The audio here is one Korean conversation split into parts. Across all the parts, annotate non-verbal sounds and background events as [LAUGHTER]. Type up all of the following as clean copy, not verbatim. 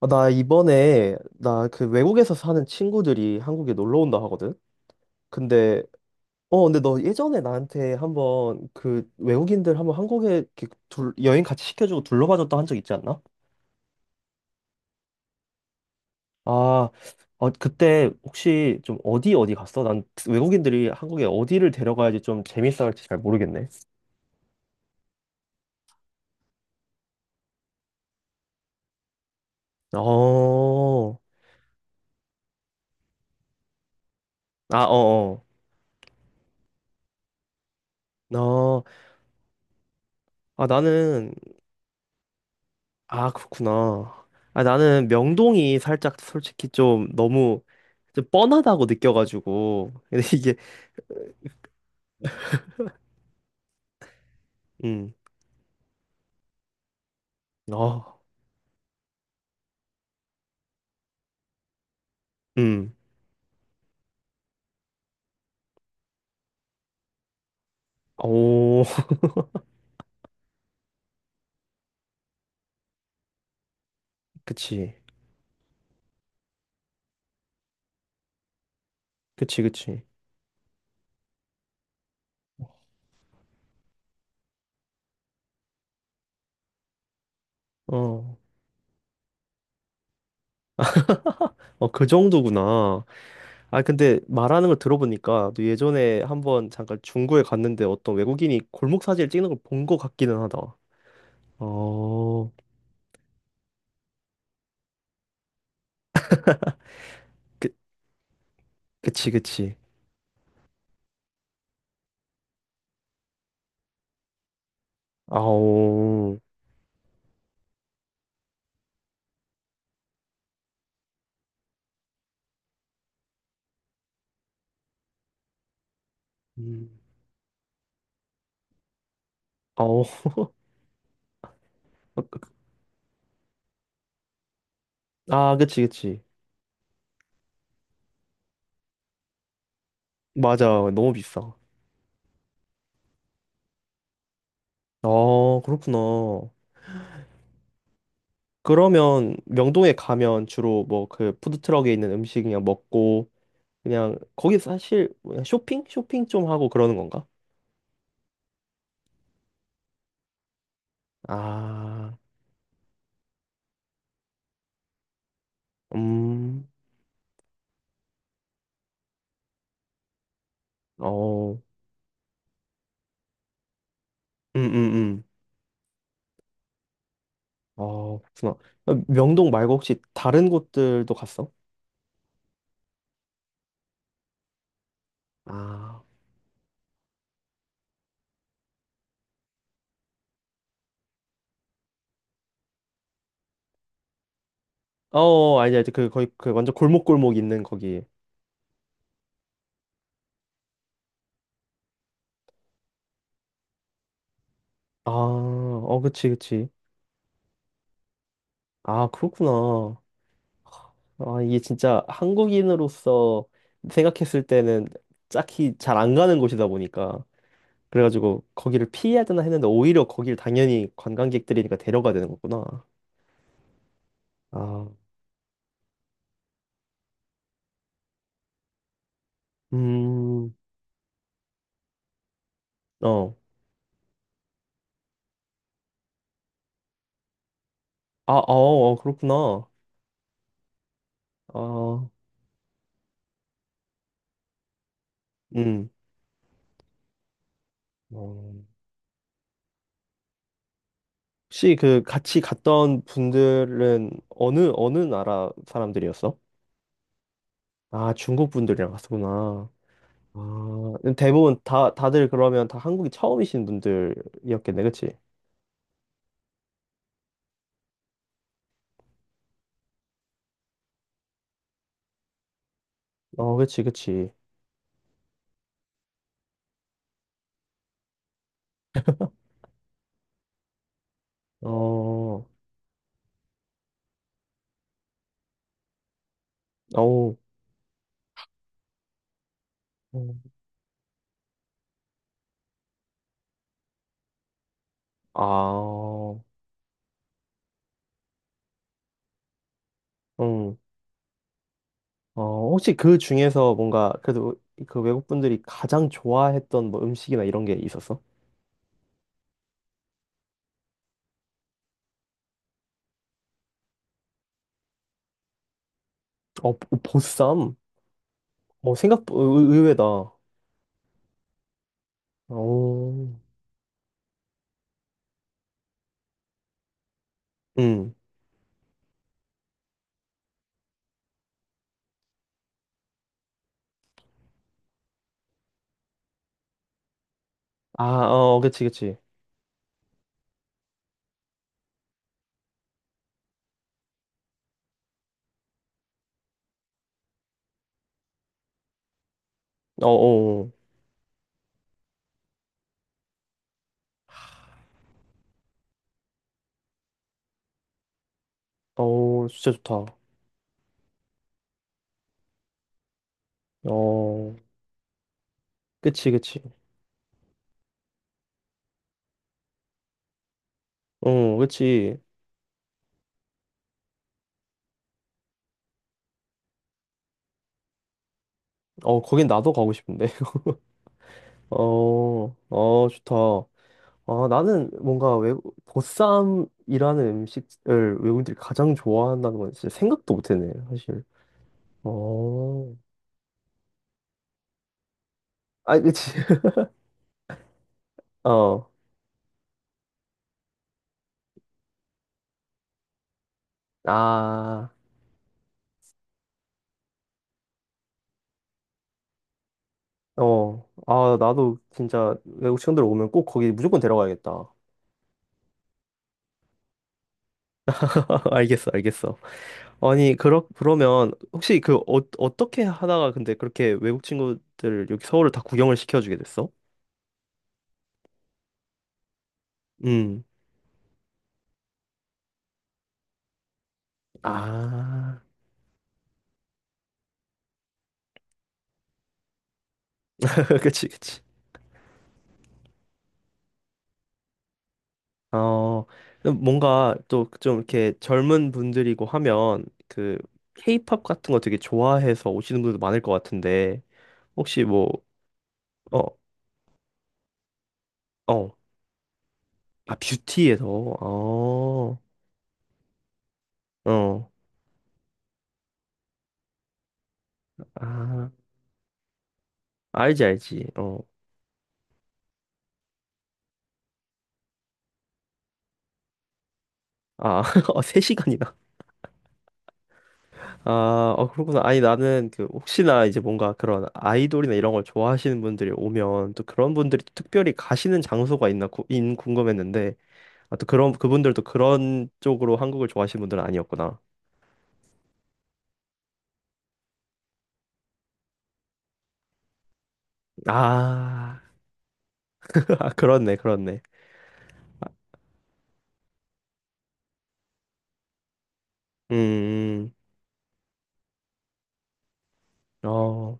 아, 나 이번에 나 그 외국에서 사는 친구들이 한국에 놀러 온다 하거든. 근데 근데 너 예전에 나한테 한번 그 외국인들 한번 한국에 이렇게 여행 같이 시켜주고 둘러봐줬다 한 적 있지 않나? 아, 어, 그때 혹시 좀 어디 어디 갔어? 난 외국인들이 한국에 어디를 데려가야지 좀 재밌어 할지 잘 모르겠네. 어. 아, 어, 어. 어. 아, 나는. 아, 그렇구나. 아, 나는 명동이 살짝 솔직히 좀 너무 좀 뻔하다고 느껴가지고. [LAUGHS] 근데 이게, 음, 어, 음, 오, [LAUGHS] 그치. 그치, 그치. 어, 어, 그 정도구나. 아, 근데 말하는 걸 들어보니까 너 예전에 한번 잠깐 중구에 갔는데 어떤 외국인이 골목 사진을 찍는 걸 본 것 같기는 하다. 어, 그, 그치, 그치. 아오, 음, 아오. 어, 그, 아, 그치, 그치. 맞아. 너무 비싸. 아, 그렇구나. 그러면 명동에 가면 주로 뭐 그 푸드트럭에 있는 음식 그냥 먹고 그냥 거기 사실 뭐냐, 쇼핑? 쇼핑 좀 하고 그러는 건가? 아, 음, 어, 음, 음. 어, 그렇구나. 어, 명동 말고 혹시 다른 곳들도 갔어? 아, 어, 아니, 아니, 그 거의 그 완전 골목골목 있는 거기. 아, 어, 그치, 그치. 아, 그렇구나. 아, 이게 진짜 한국인으로서 생각했을 때는 딱히 잘 안 가는 곳이다 보니까 그래가지고 거기를 피해야 되나 했는데 오히려 거길 당연히 관광객들이니까 데려가야 되는 거구나. 아, 음, 어, 아, 어, 어, 그렇구나. 아, 음, 어. 혹시 그 같이 갔던 분들은 어느 어느 나라 사람들이었어? 아, 중국 분들이랑 갔었구나. 아, 대부분 다 다들 그러면 다 한국이 처음이신 분들이었겠네, 그치? 어, 그치, 그치. 어, 어우, 음, 아, 음, 어. 혹시 그 중에서 뭔가 그래도 그 외국 분들이 가장 좋아했던 뭐 음식이나 이런 게 있었어? 어, 보쌈? 어, 생각 의외다. 어, 음, 아, 어, 그치, 그치. 어, 어, 어, 어, 진짜 좋다. 어, 그치, 그치. 어, 그치. 어, 거긴 나도 가고 싶은데. [LAUGHS] 어, 어, 좋다. 아, 나는 뭔가 외 보쌈이라는 음식을 외국인들이 가장 좋아한다는 건 진짜 생각도 못했네, 사실. 어. 아, 그치. [LAUGHS] 어. 아. 어. 아, 나도 진짜 외국 친구들 오면 꼭 거기 무조건 데려가야겠다. [LAUGHS] 알겠어, 알겠어. 아니, 그러면 혹시 그 어, 어떻게 하다가 근데 그렇게 외국 친구들 여기 서울을 다 구경을 시켜주게 됐어? 음. 아. [LAUGHS] 그치, 그치. 어, 그럼 뭔가 또 좀 이렇게 젊은 분들이고 하면 그 케이팝 같은 거 되게 좋아해서 오시는 분들도 많을 것 같은데 혹시 뭐, 어, 어, 아, 뷰티에서, 어, 어, 아, 알지, 알지, 어. 아, [LAUGHS] 어, 3시간이나. 아, 어, 그렇구나. 아니, 나는 그 혹시나 이제 뭔가 그런 아이돌이나 이런 걸 좋아하시는 분들이 오면 또 그런 분들이 또 특별히 가시는 장소가 있나 구, 인 궁금했는데 아, 또 그런, 그분들도 그런 쪽으로 한국을 좋아하시는 분들은 아니었구나. 아, [LAUGHS] 아, 그렇네, 그렇네. 음, 어,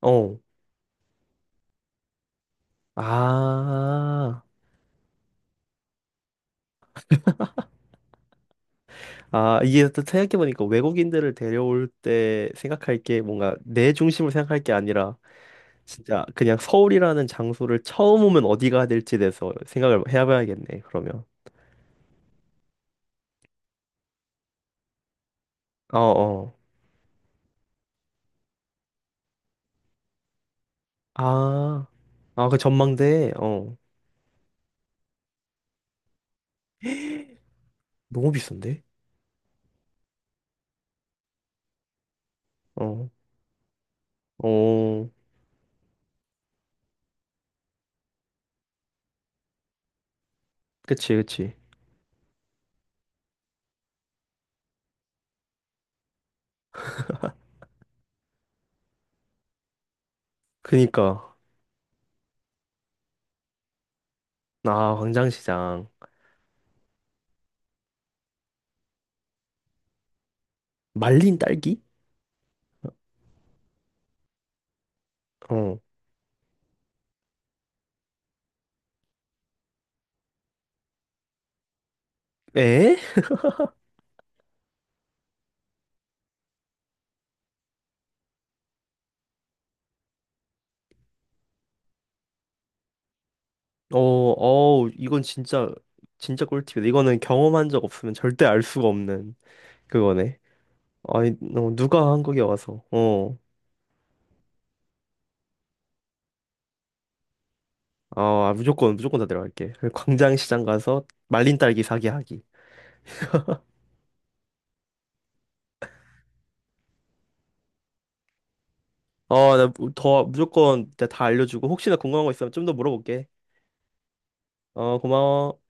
어. 아, 아, 이게 또 생각해보니까 외국인들을 데려올 때 생각할 게 뭔가 내 중심을 생각할 게 아니라 진짜 그냥 서울이라는 장소를 처음 오면 어디 가야 될지에 대해서 생각을 해봐야겠네, 그러면. 어, 어. 아, 아, 그 전망대, 어. 너무 비싼데? 어, 어. 그치, 그치. 그니까 아 광장시장 말린 딸기? 어. 에? 어, 어, 이건 진짜 진짜 꿀팁이다. 이거는 경험한 적 없으면 절대 알 수가 없는 그거네. 아니, 어, 누가 한국에 와서 어. 아, 아, 무조건 무조건 다 데려갈게. 광장시장 가서 말린 딸기 사기 하기. [LAUGHS] 어, 나 더 무조건 내가 다 알려주고 혹시나 궁금한 거 있으면 좀 더 물어볼게. 어, 고마워.